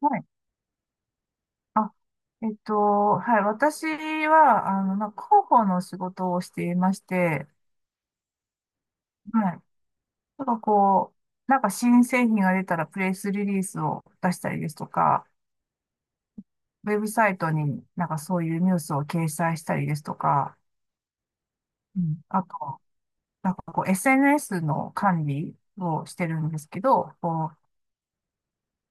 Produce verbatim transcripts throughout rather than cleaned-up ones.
はい。あ、えっと、はい。私は、あの、なんか広報の仕事をしていまして、はい。なんかこう、なんか新製品が出たらプレスリリースを出したりですとか、ウェブサイトになんかそういうニュースを掲載したりですとか、うん、あと、なんかこう エスエヌエス の管理をしてるんですけど、こ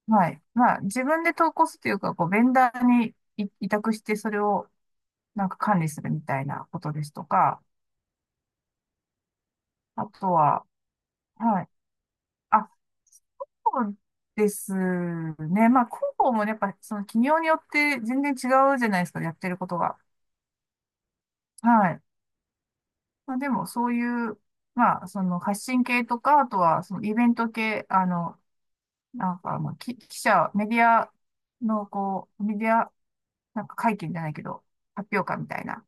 う、はい。まあ自分で投稿するというか、こうベンダーに委託してそれをなんか管理するみたいなことですとか、あとは、はい。あ、そうですね。まあ、広報もねやっぱ、その企業によって全然違うじゃないですか、やってることが。はい。まあ、でも、そういう、まあ、その発信系とか、あとは、そのイベント系、あの、なんか、まあ、き記者、メディアの、こう、メディア、なんか会見じゃないけど、発表会みたいな、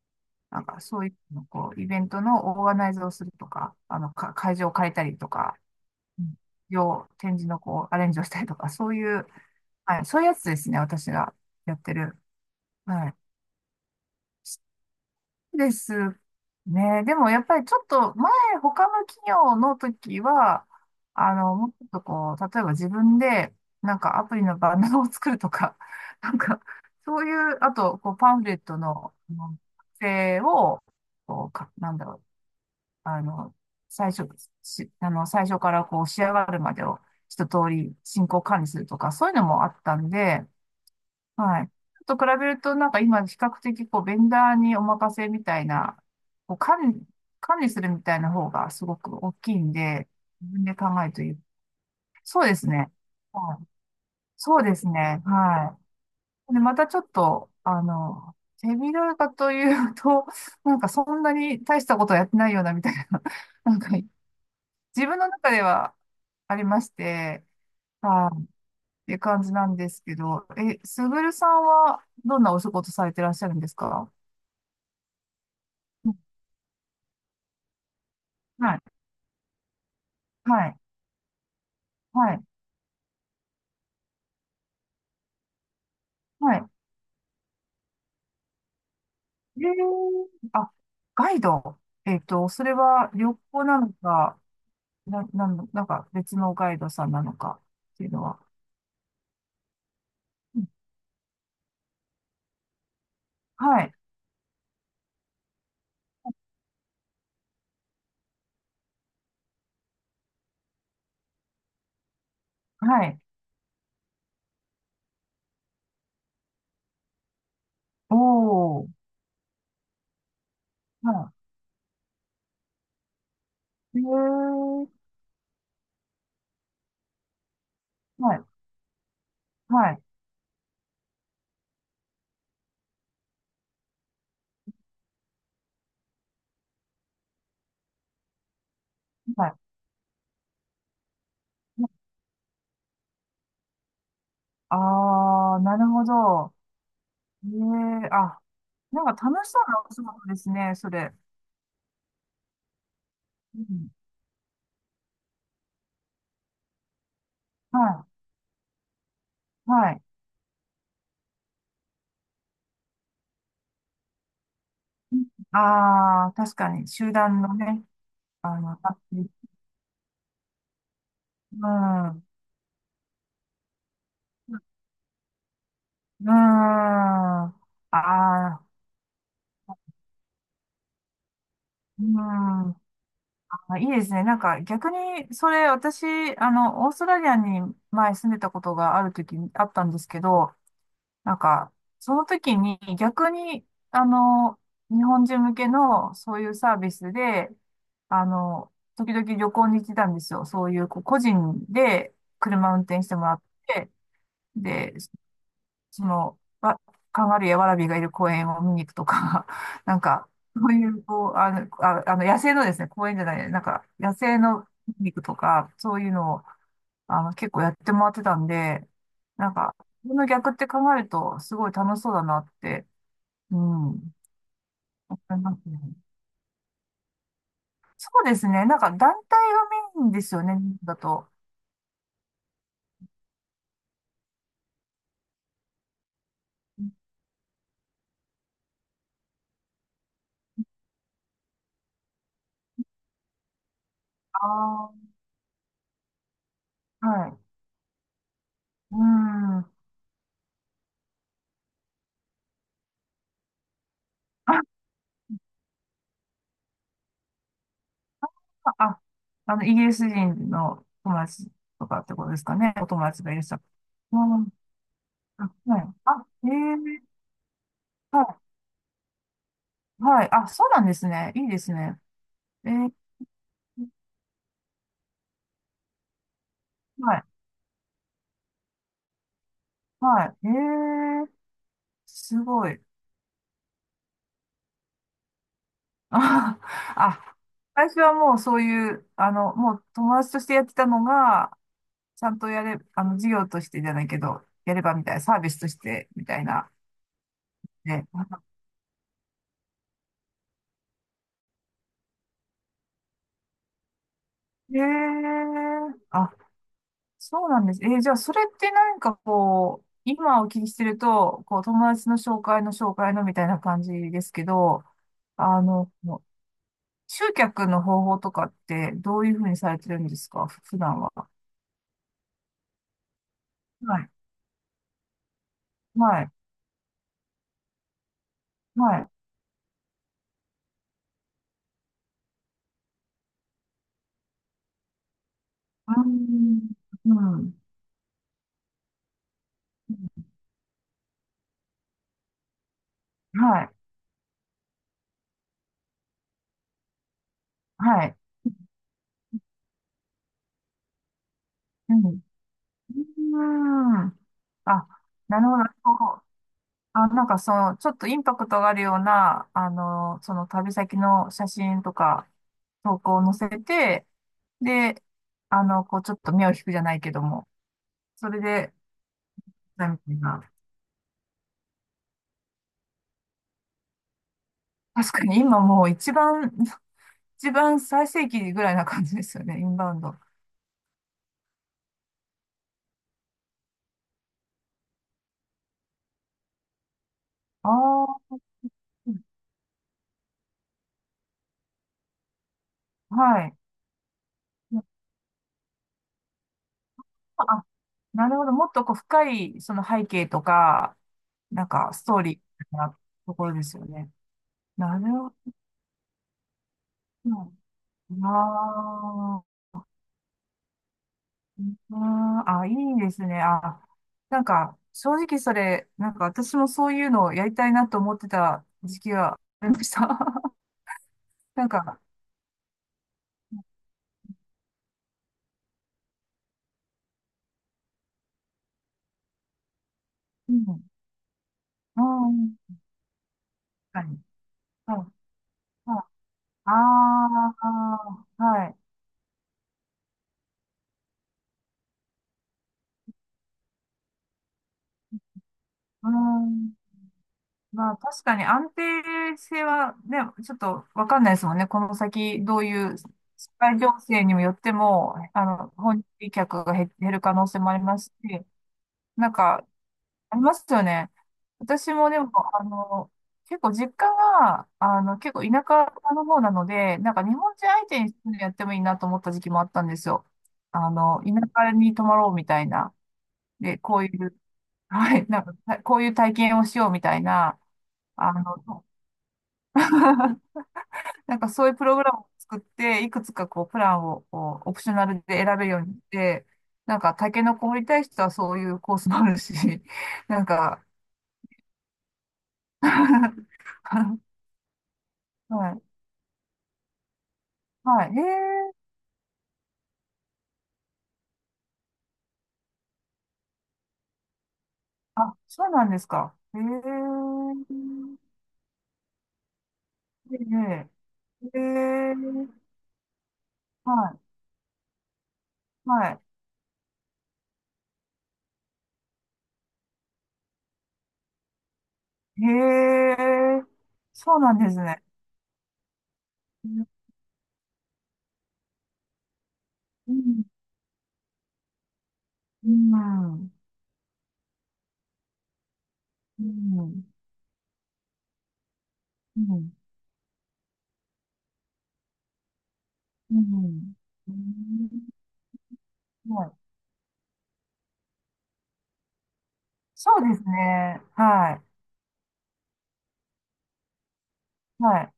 なんか、そういうの、こう、イベントのオーガナイズをするとか、あの、か、会場を借りたりとか、うん、要展示の、こう、アレンジをしたりとか、そういう、はい。そういうやつですね。私がやってる。はい。ですね。でもやっぱりちょっと前、他の企業の時は、あの、もうちょっとこう、例えば自分で、なんかアプリのバナーを作るとか、なんか、そういう、あと、こう、パンフレットの、あの、作成を、こう、か、なんだろう、あの、最初、し、あの、最初からこう、仕上がるまでを一通り進行管理するとか、そういうのもあったんで、はい。ちょっと比べると、なんか今、比較的、こう、ベンダーにお任せみたいな、こう、管理、管理するみたいな方がすごく大きいんで、自分で考えるという。そうですね。はい。そうですね。はい。で、またちょっと、あの、手広いかというと、なんかそんなに大したことはやってないようなみたいな、なんか、自分の中ではありまして、はい。っていう感じなんですけど、え、すぐるさんはどんなお仕事されてらっしゃるんですか？うん。はい、はい、はい、はい。ええ、あ、ガイド。えっと、それは旅行なのか、な、なんの、なんか別のガイドさんなのかっていうのは。うん。はい、はい。おー、はい。ええ、はい、はい、はい。あー、なるほど。ええ、あ、なんか楽しそうなお仕事ですね、それ。うん、はい、はい。ああ、確かに、集団のね、あの、うん。うん。ああ、うん。あ、いいですね。なんか逆に、それ私、あの、オーストラリアに前住んでたことがある時にあったんですけど、なんか、その時に逆に、あの、日本人向けのそういうサービスで、あの、時々旅行に行ってたんですよ。そういう、こう個人で車運転してもらって、で、その、わカンガルーやワラビーがいる公園を見に行くとか、なんか、そういう、こう、あの、あ、あの野生のですね、公園じゃない、なんか、野生の見に行くとか、そういうのを、あの、結構やってもらってたんで、なんか、この逆って考えると、すごい楽しそうだなって、うん、思いますね。そうですね、なんか、団体がメインですよね、だと。ああ、はい。うん。あ、あの、イギリス人の友達とかってことですかね。お友達がいらっしゃる。うん。あ、はい。あ、ええ、はい。はい。あ、そうなんですね。いいですね。えー、はい。はい。ええ、すごい。あ、あ、最初はもうそういう、あの、もう友達としてやってたのが、ちゃんとやれ、あの、授業としてじゃないけど、やればみたいな、サービスとしてみたいな。ね。ええ、あ、そうなんです。えー、じゃあ、それってなんかこう、今お聞きしてると、こう、友達の紹介の紹介のみたいな感じですけど、あの、集客の方法とかってどういうふうにされてるんですか、ふ普段は。はい。はい。はい。うーん。うん。はい。はい。うん。うーん。あ、なるほど。なるほど。あ、なんかその、ちょっとインパクトがあるような、あの、その旅先の写真とか、投稿を載せて、で、あの、こう、ちょっと目を引くじゃないけども、それで、みたいな。確かに今もう一番、一番最盛期ぐらいな感じですよね、インバウンド。ああ、はい。あ、なるほど。もっとこう深いその背景とか、なんかストーリーなところですよね。なるほど。ああ、あーあ、いいですね。あ、なんか、正直それ、なんか私もそういうのをやりたいなと思ってた時期がありました。なんか、うん、うん、確かに。はい、はい。ああ、はい。うん。まあ、確かに安定性はね、ちょっとわかんないですもんね。この先、どういう社会情勢にもよっても、あの、訪日客が減減る可能性もありますし、なんか、ありますよね。私もでも、あの、結構実家が、あの、結構田舎の方なので、なんか日本人相手にやってもいいなと思った時期もあったんですよ。あの、田舎に泊まろうみたいな。で、こういう、はい、なんか、こういう体験をしようみたいな、あの、なんかそういうプログラムを作って、いくつかこう、プランをこうオプショナルで選べるようにして、なんか、タケノコ掘りたい人はそういうコースもあるし、なんか、はい。はい。へえ。あ、そうなんですか。へえ。ええ。へえ。はい。はい。へえ。そうなんですね。うん。うん。うん。うん。うん。うん。はい。そうですね。はい。はい。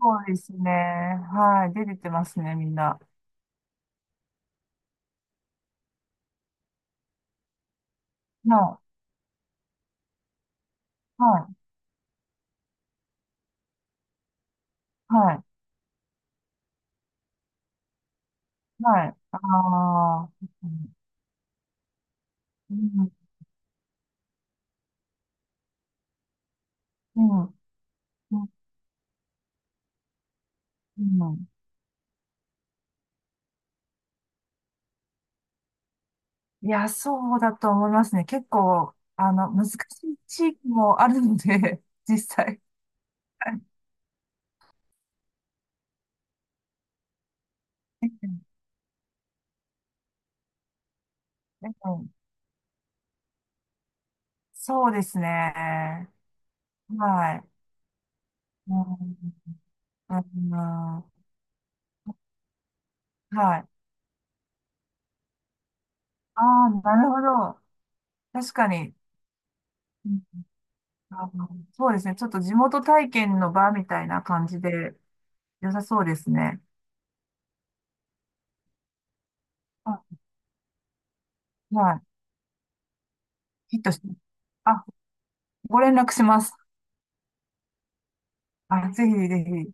そうですね。はい。出ててますね、みんな。はい。はい。はい。はい。ああ。うん。うん。うん。うん。いや、そうだと思いますね。結構、あの、難しい地域もあるので、実際。はい。うん。そうですね。はい。うん、うん。はい。ああ、なるほど。確かに、うん、あのそうですね。ちょっと地元体験の場みたいな感じで良さそうですね。あ、はい。ヒットして。あ、ご連絡します。あ、ぜひぜひ。